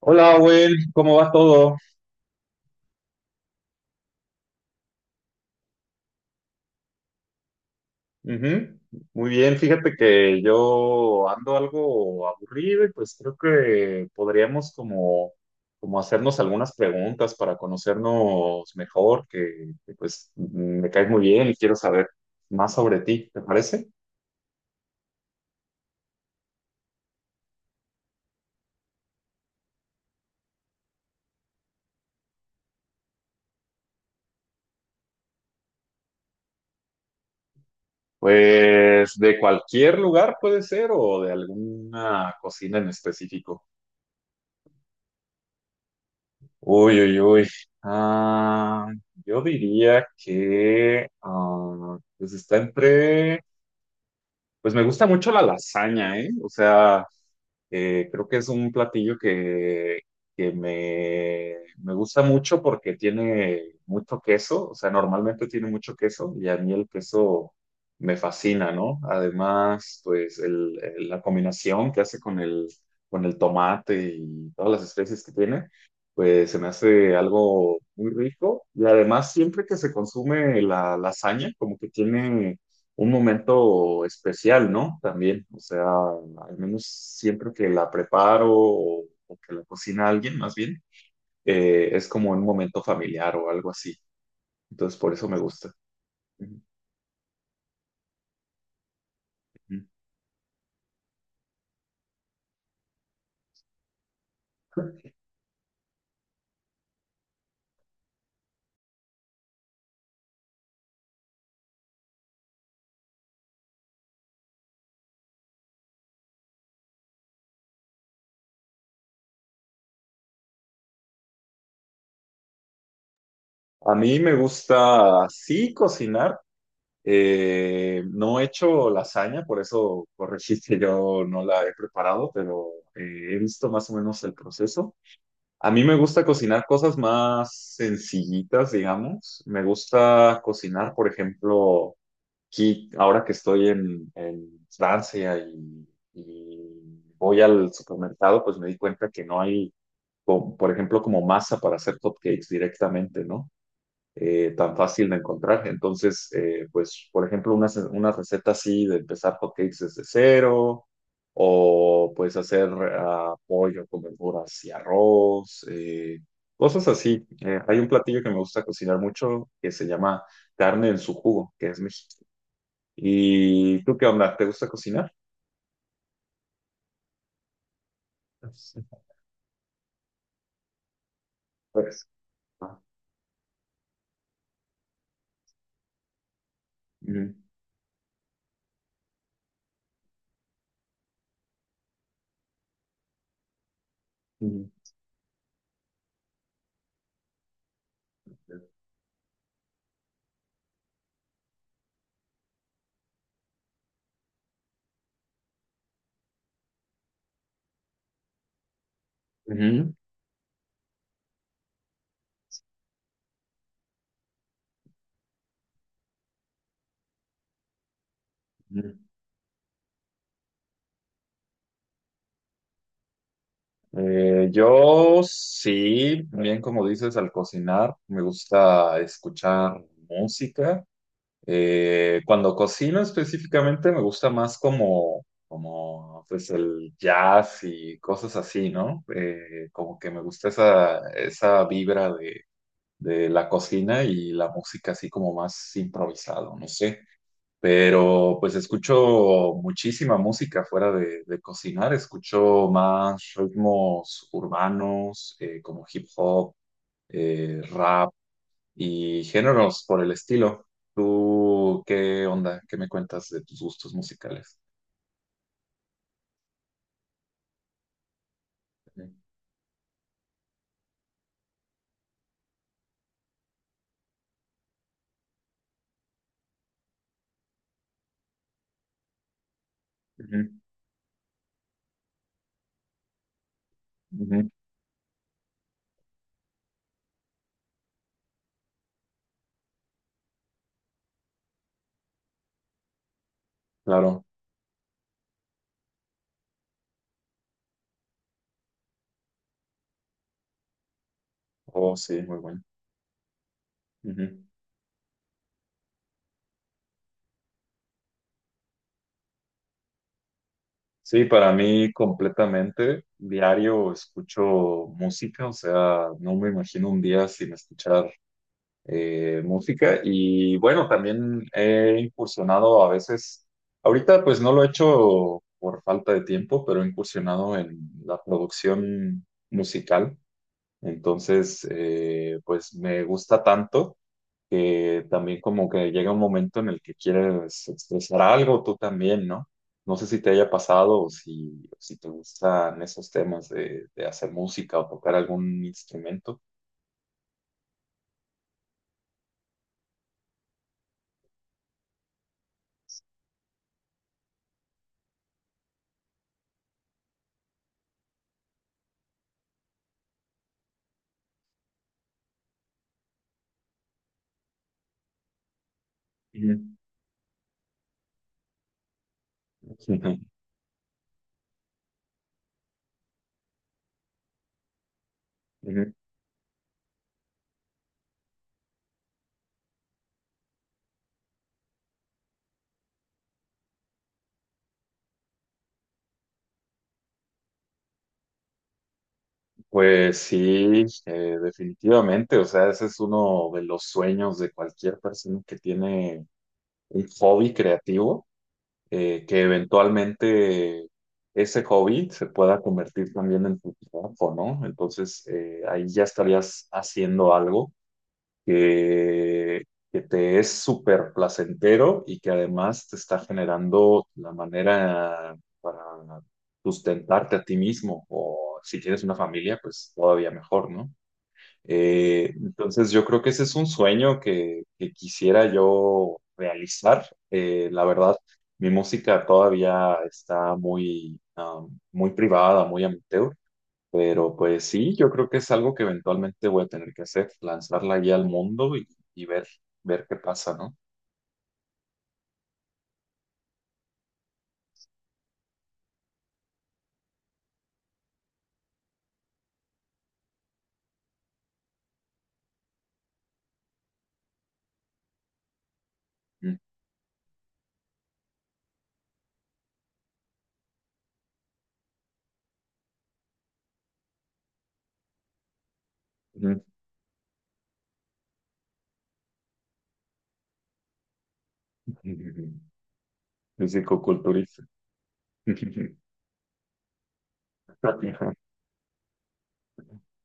Hola, Owen, ¿cómo va todo? Ujú. Muy bien, fíjate que yo ando algo aburrido y pues creo que podríamos como hacernos algunas preguntas para conocernos mejor, pues me caes muy bien y quiero saber más sobre ti, ¿te parece? Pues de cualquier lugar puede ser o de alguna cocina en específico. Uy, uy, uy. Ah, yo diría que pues está entre. Pues me gusta mucho la lasaña, ¿eh? O sea, creo que es un platillo que, me gusta mucho porque tiene mucho queso, o sea, normalmente tiene mucho queso y a mí el queso me fascina, ¿no? Además, pues la combinación que hace con el tomate y todas las especies que tiene, pues se me hace algo muy rico y además siempre que se consume la lasaña, como que tiene un momento especial, ¿no? También, o sea, al menos siempre que la preparo o que la cocina alguien, más bien, es como un momento familiar o algo así. Entonces, por eso me gusta. Ujú. Ujú. A mí me gusta, sí, cocinar. No he hecho lasaña, por eso corregiste, yo no la he preparado, pero he visto más o menos el proceso. A mí me gusta cocinar cosas más sencillitas, digamos. Me gusta cocinar, por ejemplo, aquí, ahora que estoy en Francia y voy al supermercado, pues me di cuenta que no hay, por ejemplo, como masa para hacer cupcakes directamente, ¿no? Tan fácil de encontrar. Entonces, pues, por ejemplo, una receta así de empezar hotcakes desde cero, o pues hacer pollo con verduras y arroz, cosas así. Hay un platillo que me gusta cocinar mucho que se llama carne en su jugo, que es mexicano. ¿Y tú qué onda? ¿Te gusta cocinar? Pues. ah, Ujú, ujú, ujú, ujú. Yo sí, bien como dices, al cocinar me gusta escuchar música. Cuando cocino específicamente me gusta más como pues el jazz y cosas así, ¿no? Como que me gusta esa vibra de la cocina y la música así como más improvisado, no sé, pero pues escucho muchísima música fuera de cocinar, escucho más ritmos urbanos como hip hop, rap y géneros por el estilo. ¿Tú qué onda? ¿Qué me cuentas de tus gustos musicales? Ujú, ujú, claro, oh sí, muy bueno. Ujú. Sí, para mí completamente diario escucho música, o sea, no me imagino un día sin escuchar música, y bueno, también he incursionado a veces, ahorita pues no lo he hecho por falta de tiempo, pero he incursionado en la producción musical, entonces pues me gusta tanto que también como que llega un momento en el que quieres expresar algo tú también, ¿no? No sé si te haya pasado o si te gustan esos temas de hacer música o tocar algún instrumento. Ujú. Pues sí, definitivamente. O sea, ese es uno de los sueños de cualquier persona que tiene un hobby creativo, que eventualmente ese hobby se pueda convertir también en tu trabajo, ¿no? Entonces, ahí ya estarías haciendo algo que, que te es súper placentero y que además te está generando la manera para sustentarte a ti mismo o si tienes una familia, pues todavía mejor, ¿no? Entonces yo creo que ese es un sueño que quisiera yo realizar. La verdad, mi música todavía está muy privada, muy amateur. Pero pues sí, yo creo que es algo que eventualmente voy a tener que hacer, lanzar la guía al mundo y ver, qué pasa, ¿no? Ujú. Fisicoculturista.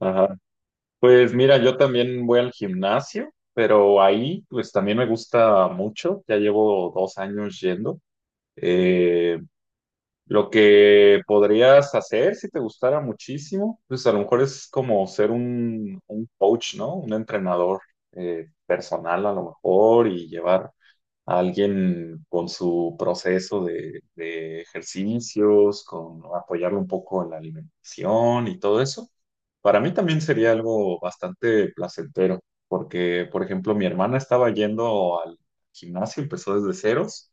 Ajá. Pues mira, yo también voy al gimnasio, pero ahí pues también me gusta mucho, ya llevo dos años yendo. Eh, Lo que podrías hacer si te gustara muchísimo, pues a lo mejor es como ser un coach, ¿no? Un entrenador personal a lo mejor y llevar alguien con su proceso de ejercicios, con apoyarlo un poco en la alimentación y todo eso, para mí también sería algo bastante placentero, porque, por ejemplo, mi hermana estaba yendo al gimnasio, empezó desde ceros,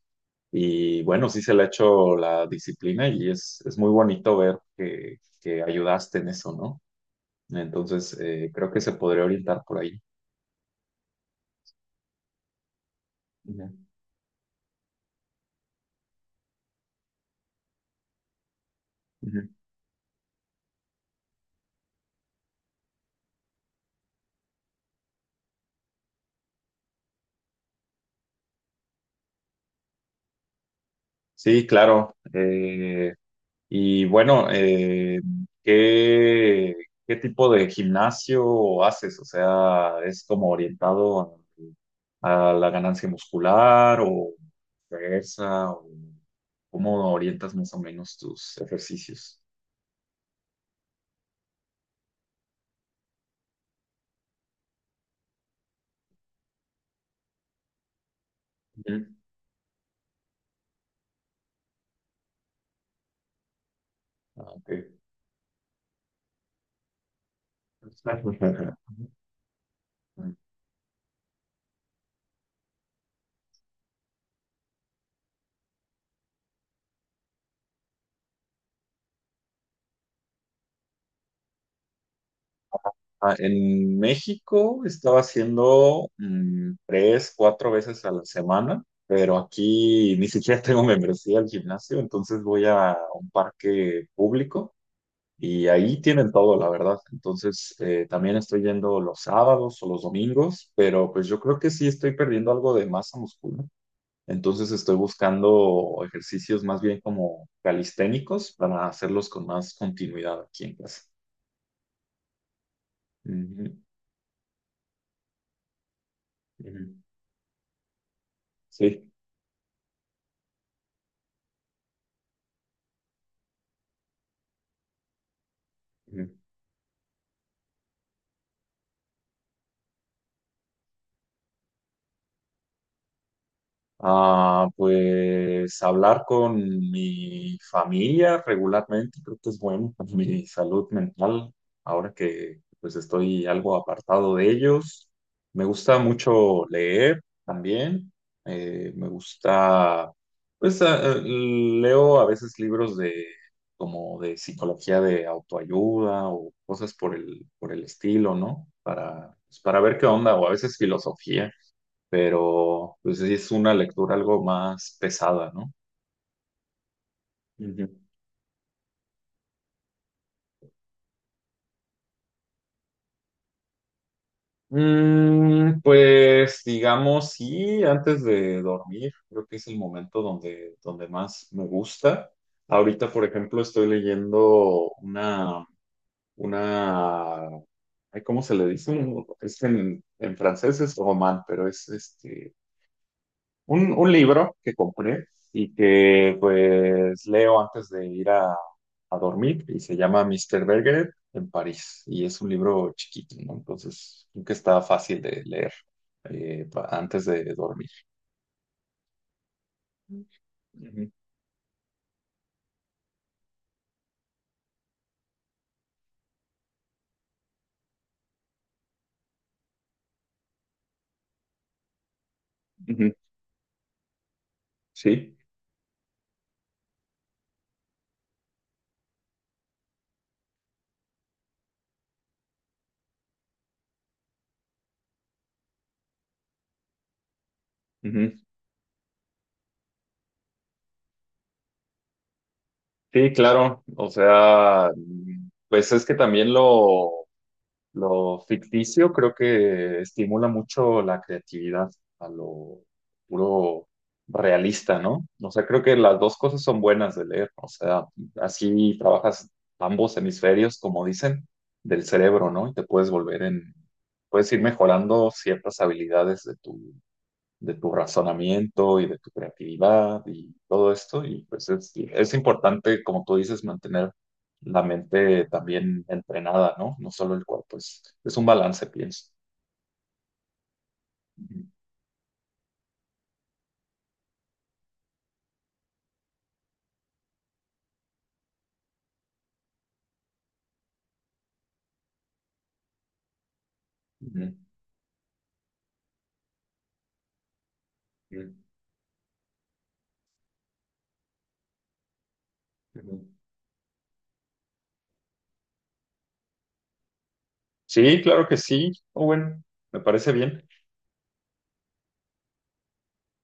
y bueno, sí se le ha hecho la disciplina y es muy bonito ver que ayudaste en eso, ¿no? Entonces, creo que se podría orientar por ahí. Ujú. Ujú. Sí, claro. Y bueno, ¿qué, qué tipo de gimnasio haces? O sea, ¿es como orientado a la ganancia muscular o fuerza? O ¿cómo orientas más o menos tus ejercicios? Ujú. Ah, ok. En México estaba haciendo tres, cuatro veces a la semana, pero aquí ni siquiera tengo membresía al gimnasio, entonces voy a un parque público y ahí tienen todo, la verdad. Entonces también estoy yendo los sábados o los domingos, pero pues yo creo que sí estoy perdiendo algo de masa muscular. Entonces estoy buscando ejercicios más bien como calisténicos para hacerlos con más continuidad aquí en casa. Ujú, ujú. Sí. Pues hablar con mi familia regularmente creo que es bueno para mi salud mental. Ahora que pues estoy algo apartado de ellos, me gusta mucho leer también. Me gusta, pues leo a veces libros de como de psicología de autoayuda o cosas por el estilo, ¿no? Para pues, para ver qué onda o a veces filosofía, pero pues sí es una lectura algo más pesada, ¿no? Ujú. Pues digamos, sí, antes de dormir, creo que es el momento donde más me gusta. Ahorita, por ejemplo, estoy leyendo una, ay, ¿cómo se le dice? Es en francés es román, pero es este, un libro que compré y que pues leo antes de ir a dormir y se llama Mister Bergeret en París y es un libro chiquito, ¿no? Entonces creo que está fácil de leer antes de dormir. Ujú, ujú, sí, ujú. Sí, claro. O sea, pues es que también lo ficticio creo que estimula mucho la creatividad a lo puro realista, ¿no? O sea, creo que las dos cosas son buenas de leer. O sea, así trabajas ambos hemisferios, como dicen, del cerebro, ¿no? Y te puedes puedes ir mejorando ciertas habilidades de tu razonamiento y de tu creatividad y todo esto. Y pues es importante, como tú dices, mantener la mente también entrenada, ¿no? No solo el cuerpo, es un balance, pienso. Ujú, ujú, ujú, ujú. Sí, claro que sí. Owen, me parece bien.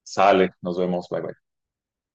Sale, nos vemos, bye bye.